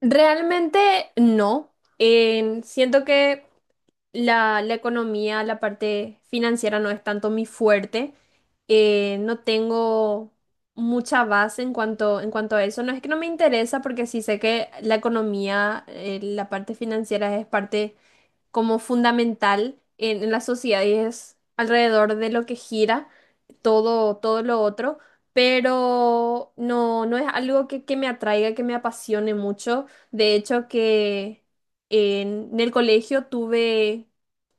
Realmente no. Siento que la economía, la parte financiera no es tanto mi fuerte. No tengo mucha base en cuanto a eso. No es que no me interesa porque sí sé que la economía, la parte financiera es parte como fundamental en la sociedad y es alrededor de lo que gira todo lo otro, pero no es algo que me atraiga, que me apasione mucho. De hecho, que en el colegio tuve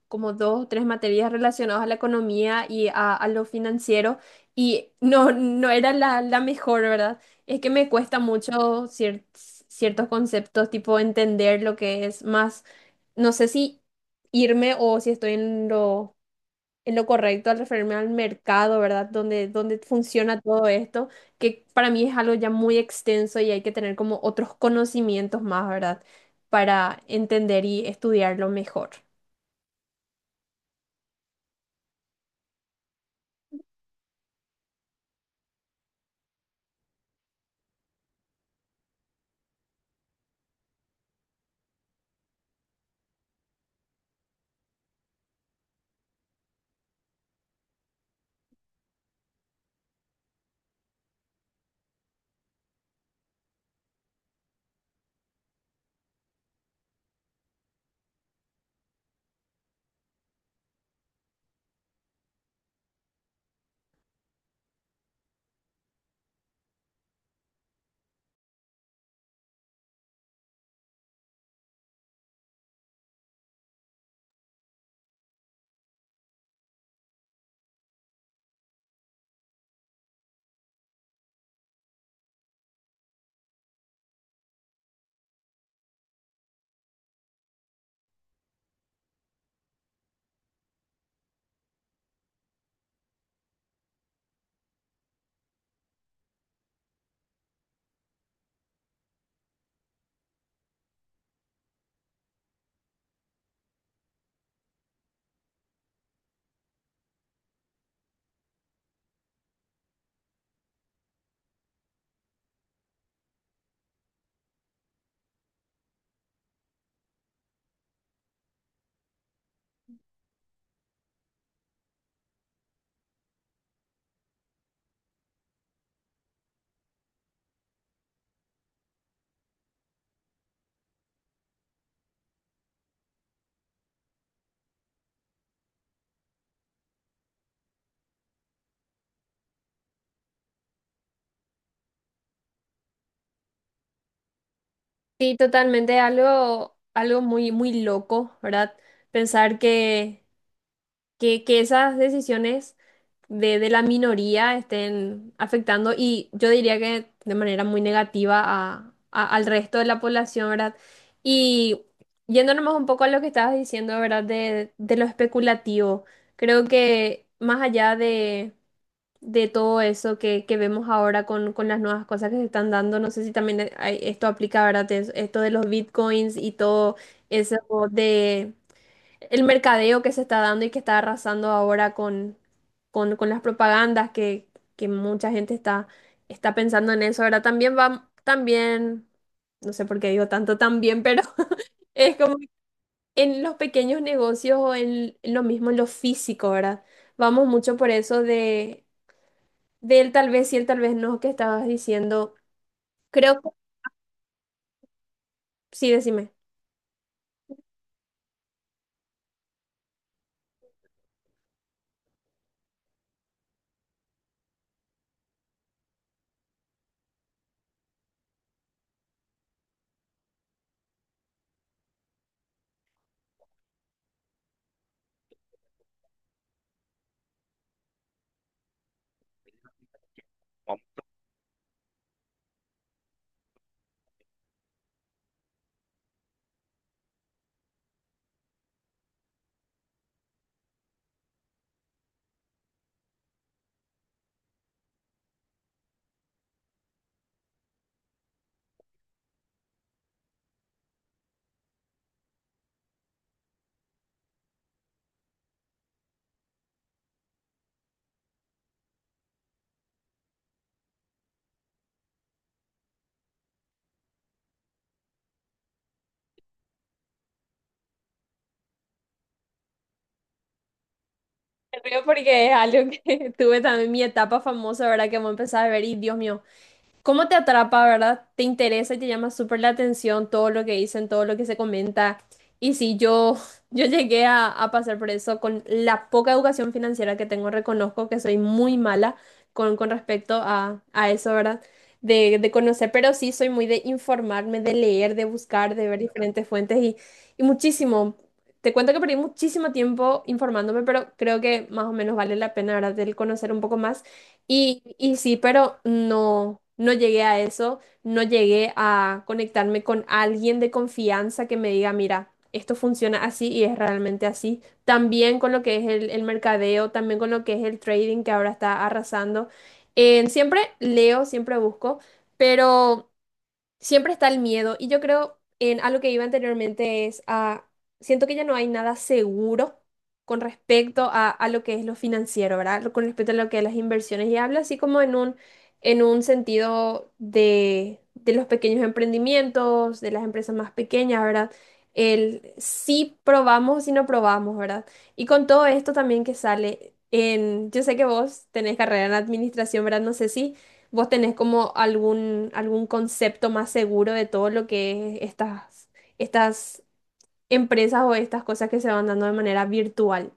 como dos o tres materias relacionadas a la economía y a lo financiero y no era la mejor, ¿verdad? Es que me cuesta mucho ciertos conceptos, tipo entender lo que es más no sé si irme o si estoy en en lo correcto al referirme al mercado, ¿verdad? Donde funciona todo esto, que para mí es algo ya muy extenso y hay que tener como otros conocimientos más, ¿verdad? Para entender y estudiarlo mejor. Sí, totalmente, algo, algo muy, muy loco, ¿verdad? Pensar que esas decisiones de la minoría estén afectando y yo diría que de manera muy negativa a, al resto de la población, ¿verdad? Y yéndonos un poco a lo que estabas diciendo, ¿verdad? De lo especulativo, creo que más allá de todo eso que vemos ahora con las nuevas cosas que se están dando. No sé si también esto aplica, ¿verdad? Esto de los bitcoins y todo eso de el mercadeo que se está dando y que está arrasando ahora con las propagandas que mucha gente está pensando en eso. Ahora también va, también, no sé por qué digo tanto también, pero es como en los pequeños negocios o en lo mismo, en lo físico, ¿verdad? Vamos mucho por eso de él tal vez sí, él tal vez no, que estabas diciendo. Creo que sí, decime. Me río porque es algo que tuve también mi etapa famosa, ¿verdad? Que vos empezás a ver y Dios mío. ¿Cómo te atrapa, verdad? Te interesa y te llama súper la atención todo lo que dicen, todo lo que se comenta. Y sí, yo, yo llegué a pasar por eso con la poca educación financiera que tengo. Reconozco que soy muy mala con respecto a eso, ¿verdad? De conocer, pero sí soy muy de informarme, de leer, de buscar, de ver diferentes fuentes y muchísimo. Te cuento que perdí muchísimo tiempo informándome, pero creo que más o menos vale la pena, ¿verdad? El conocer un poco más. Y sí, pero no llegué a eso, no llegué a conectarme con alguien de confianza que me diga, mira, esto funciona así y es realmente así. También con lo que es el mercadeo, también con lo que es el trading que ahora está arrasando. Siempre leo, siempre busco, pero... Siempre está el miedo y yo creo en algo que iba anteriormente es a, siento que ya no hay nada seguro con respecto a lo que es lo financiero, ¿verdad? Con respecto a lo que es las inversiones y hablo así como en un sentido de los pequeños emprendimientos, de las empresas más pequeñas, ¿verdad? El si probamos, si no probamos, ¿verdad? Y con todo esto también que sale en, yo sé que vos tenés carrera en administración, ¿verdad? No sé si... ¿Vos tenés como algún, algún concepto más seguro de todo lo que es estas, estas empresas o estas cosas que se van dando de manera virtual?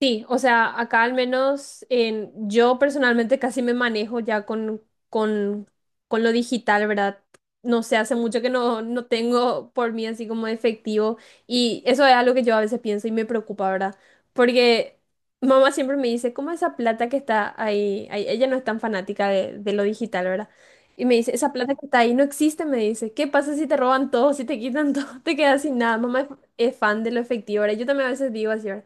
Sí, o sea, acá al menos en, yo personalmente casi me manejo ya con, con lo digital, ¿verdad? No sé, hace mucho que no tengo por mí así como efectivo y eso es algo que yo a veces pienso y me preocupa, ¿verdad? Porque mamá siempre me dice, ¿cómo esa plata que está ahí? Ella no es tan fanática de lo digital, ¿verdad? Y me dice, esa plata que está ahí no existe, me dice, ¿qué pasa si te roban todo, si te quitan todo, te quedas sin nada? Mamá es fan de lo efectivo, ¿verdad? Yo también a veces digo así, ¿verdad?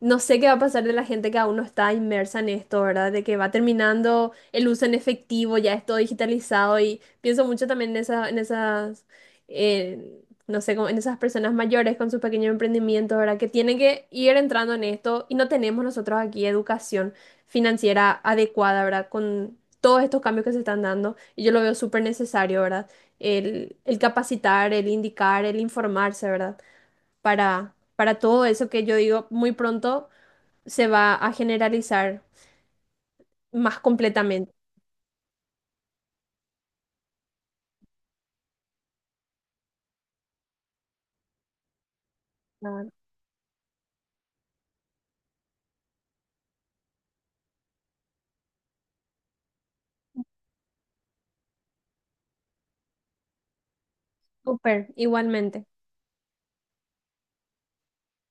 No sé qué va a pasar de la gente que aún no está inmersa en esto, ¿verdad? De que va terminando el uso en efectivo, ya es todo digitalizado y pienso mucho también en esa, en esas, no sé, como en esas personas mayores con sus pequeños emprendimientos, ¿verdad? Que tienen que ir entrando en esto y no tenemos nosotros aquí educación financiera adecuada, ¿verdad? Con todos estos cambios que se están dando y yo lo veo súper necesario, ¿verdad? El capacitar, el indicar, el informarse, ¿verdad? Para todo eso que yo digo muy pronto se va a generalizar más completamente. Claro. Súper, igualmente.